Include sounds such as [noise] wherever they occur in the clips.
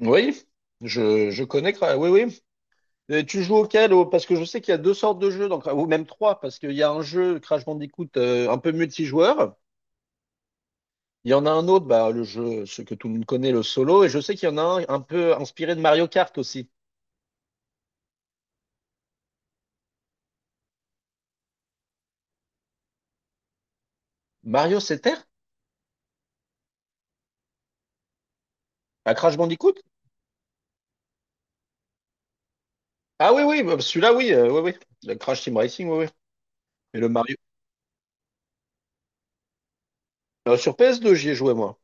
Oui, je connais. Oui, oui. Et tu joues auquel? Parce que je sais qu'il y a deux sortes de jeux, donc ou même trois, parce qu'il y a un jeu Crash Bandicoot un peu multijoueur. Il y en a un autre, bah, le jeu, ce que tout le monde connaît, le solo. Et je sais qu'il y en a un peu inspiré de Mario Kart aussi. Mario Terre. À Crash Bandicoot? Ah oui, oui, bah, celui-là, oui, oui, oui. Le Crash Team Racing, oui, oui. Et le Mario. Sur PS2, j'y ai joué, moi.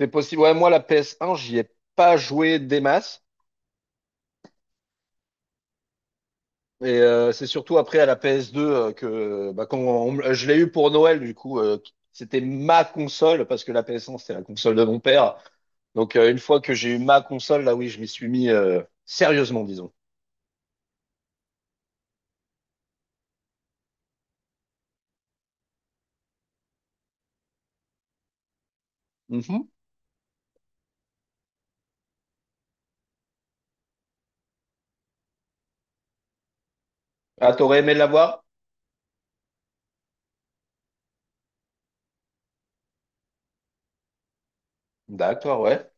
C'est possible. Ouais, moi, la PS1, j'y ai pas joué des masses. Et c'est surtout après à la PS2 que bah, quand je l'ai eu pour Noël, du coup, c'était ma console, parce que la PS1, c'était la console de mon père. Donc une fois que j'ai eu ma console, là oui, je m'y suis mis sérieusement, disons. Mhm. Ah, t'aurais aimé l'avoir? D'accord, ouais.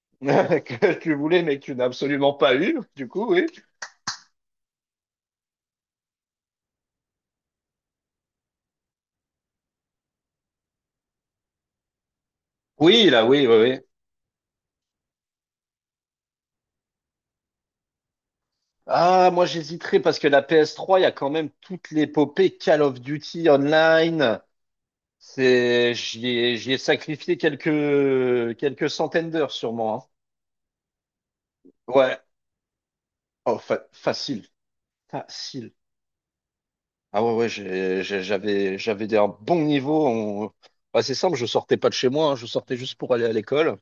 [laughs] Que tu voulais, mais que tu n'as absolument pas eu, du coup, oui. Oui, là, oui, oui, oui. Ah, moi j'hésiterais parce que la PS3, il y a quand même toute l'épopée Call of Duty Online. C'est, j'y ai sacrifié quelques centaines d'heures sûrement. Hein. Ouais, oh, facile, facile. Ah ouais, ouais, j'avais un bon niveau. Bah, c'est simple, je sortais pas de chez moi, hein, je sortais juste pour aller à l'école.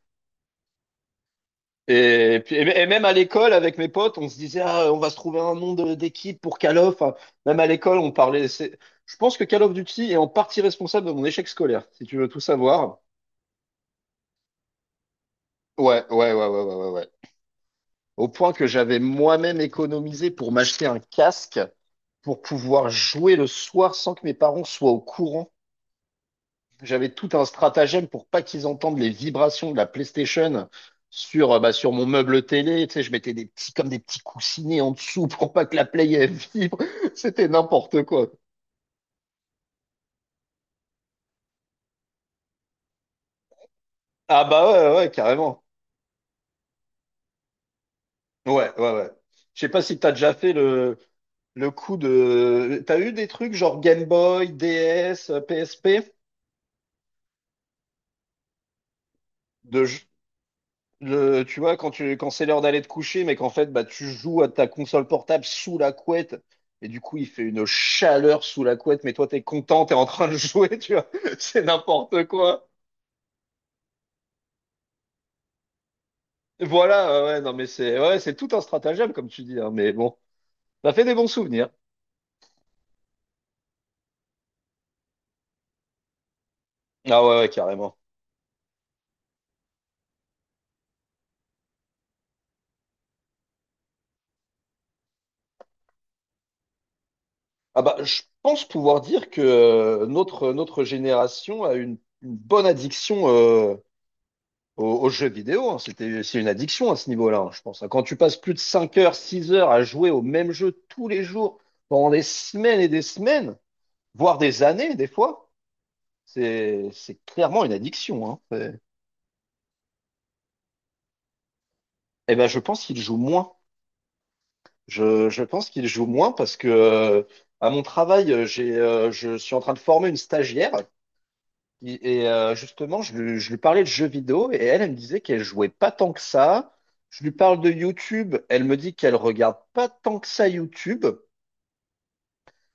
Et puis, et même à l'école, avec mes potes, on se disait, ah, on va se trouver un nom d'équipe pour Call of. Enfin, même à l'école, on parlait. Je pense que Call of Duty est en partie responsable de mon échec scolaire, si tu veux tout savoir. Ouais, ouais, ouais, ouais, ouais, ouais. Ouais. Au point que j'avais moi-même économisé pour m'acheter un casque pour pouvoir jouer le soir sans que mes parents soient au courant. J'avais tout un stratagème pour pas qu'ils entendent les vibrations de la PlayStation bah, sur mon meuble télé. Tu sais, je mettais des petits, comme des petits coussinets en dessous pour pas que la Play elle vibre. [laughs] C'était n'importe quoi. Ah bah ouais, ouais, carrément. Ouais, ouais, ouais. Je sais pas si t'as déjà fait le coup de. T'as eu des trucs genre Game Boy, DS, PSP? Tu vois, quand tu, quand c'est l'heure d'aller te coucher, mais qu'en fait, bah, tu joues à ta console portable sous la couette, et du coup, il fait une chaleur sous la couette, mais toi, t'es content, t'es en train de jouer, [laughs] tu vois. C'est n'importe quoi. Voilà, ouais, ouais, non, mais c'est, ouais, c'est tout un stratagème, comme tu dis, hein, mais bon, ça fait des bons souvenirs. Ah ouais, ouais, carrément. Ah bah, je pense pouvoir dire que notre génération a une bonne addiction, aux jeux vidéo, hein, c'est une addiction à ce niveau-là, hein, je pense. Hein. Quand tu passes plus de 5 heures, 6 heures à jouer au même jeu tous les jours, pendant des semaines et des semaines, voire des années, des fois, c'est clairement une addiction. Hein. Eh ben, je pense qu'il joue moins. Je pense qu'il joue moins parce que, à mon travail, je suis en train de former une stagiaire. Et, justement, je lui parlais de jeux vidéo et elle me disait qu'elle jouait pas tant que ça. Je lui parle de YouTube, elle me dit qu'elle regarde pas tant que ça YouTube.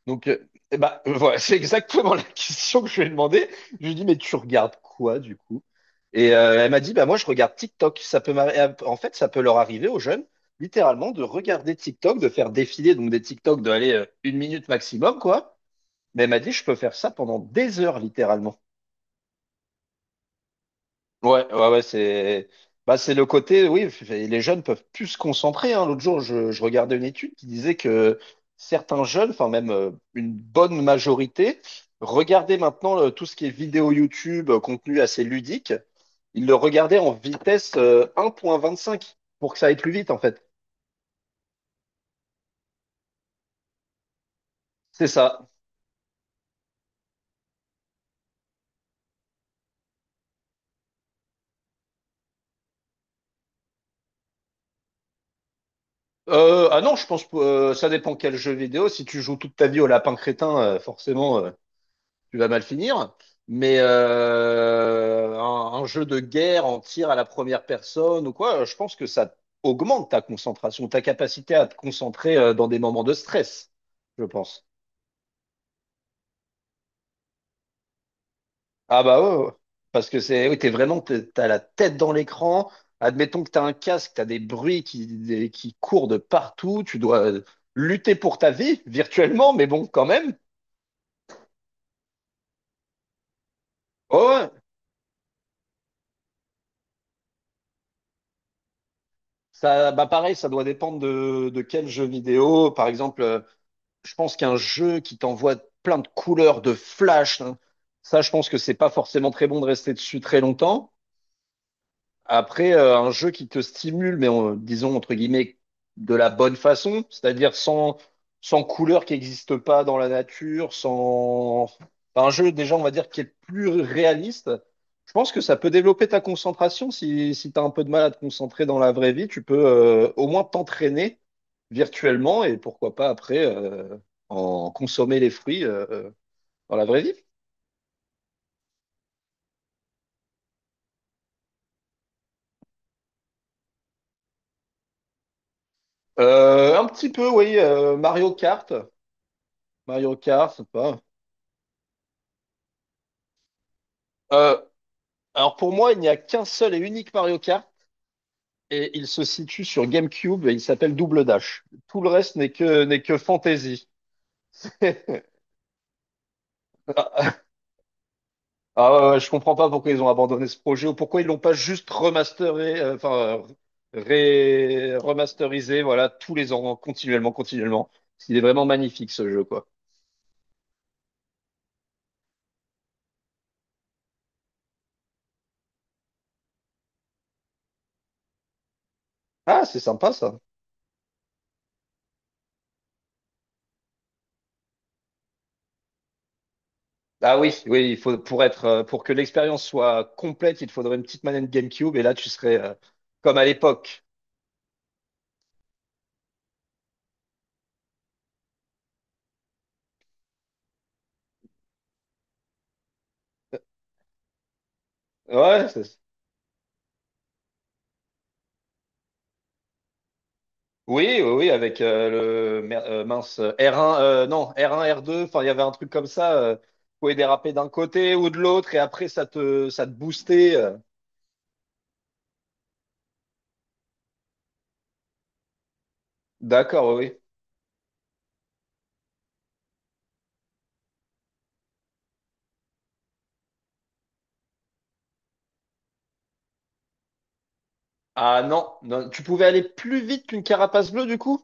Donc, eh ben, [laughs] voilà, c'est exactement [laughs] la question que je lui ai demandé. Je lui ai dit, mais tu regardes quoi du coup? Et elle m'a dit, bah moi je regarde TikTok. En fait, ça peut leur arriver aux jeunes, littéralement, de regarder TikTok, de faire défiler donc des TikTok de aller 1 minute maximum, quoi. Mais elle m'a dit, je peux faire ça pendant des heures, littéralement. Ouais, ouais, ouais, c'est bah, c'est le côté, oui, les jeunes peuvent plus se concentrer, hein. L'autre jour, je regardais une étude qui disait que certains jeunes, enfin même une bonne majorité, regardaient maintenant tout ce qui est vidéo YouTube, contenu assez ludique, ils le regardaient en vitesse 1,25 pour que ça aille plus vite, en fait. C'est ça. Ah non, je pense que ça dépend quel jeu vidéo. Si tu joues toute ta vie au lapin crétin, forcément, tu vas mal finir. Mais un jeu de guerre en tir à la première personne ou quoi, je pense que ça augmente ta concentration, ta capacité à te concentrer dans des moments de stress, je pense. Ah bah ouais, ouais. Parce que c'est, oui, t'es vraiment, t'as la tête dans l'écran. Admettons que t'as un casque, t'as des bruits qui courent de partout. Tu dois lutter pour ta vie virtuellement, mais bon, quand même. Oh, ouais. Ça, bah pareil, ça doit dépendre de quel jeu vidéo. Par exemple. Je pense qu'un jeu qui t'envoie plein de couleurs, de flash, hein, ça, je pense que c'est pas forcément très bon de rester dessus très longtemps. Après, un jeu qui te stimule, mais disons entre guillemets de la bonne façon, c'est-à-dire sans couleur qui n'existe pas dans la nature, sans. Enfin, un jeu déjà, on va dire, qui est plus réaliste. Je pense que ça peut développer ta concentration. Si tu as un peu de mal à te concentrer dans la vraie vie, tu peux au moins t'entraîner virtuellement et pourquoi pas après en consommer les fruits dans la vraie vie. Un petit peu, oui, Mario Kart. Mario Kart, c'est pas. euh, Alors pour moi, il n'y a qu'un seul et unique Mario Kart et il se situe sur GameCube et il s'appelle Double Dash. Tout le reste n'est que fantasy. [laughs] Ah, ah, ouais, ouais, je comprends pas pourquoi ils ont abandonné ce projet ou pourquoi ils l'ont pas juste remasteré, enfin remasterisé, voilà, tous les ans, continuellement, continuellement. Il est vraiment magnifique ce jeu, quoi. Ah, c'est sympa ça. Ah oui, oui, il faut pour être pour que l'expérience soit complète, il te faudrait une petite manette GameCube et là tu serais comme à l'époque. Euh, Ouais, c'est. Oui, oui, oui, avec mince, R1, non, R1, R2, enfin il y avait un truc comme ça, pouvait déraper d'un côté ou de l'autre et après ça te boostait. D'accord, oui. Oui. Ah non, non, tu pouvais aller plus vite qu'une carapace bleue du coup?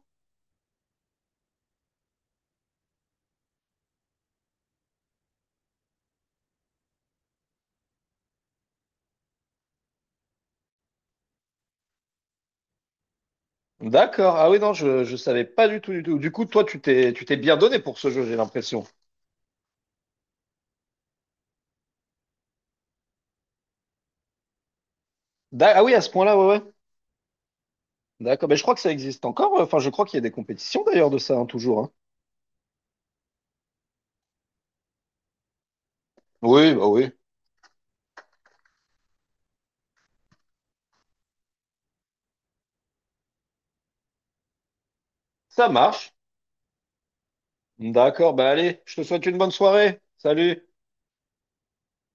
D'accord. Ah oui, non, je savais pas du tout du tout. Du coup, toi tu t'es bien donné pour ce jeu, j'ai l'impression. Ah oui, à ce point-là, ouais ouais. D'accord, mais je crois que ça existe encore. Enfin, je crois qu'il y a des compétitions d'ailleurs de ça hein, toujours hein. Oui, bah oui. Ça marche. D'accord, bah allez, je te souhaite une bonne soirée. Salut.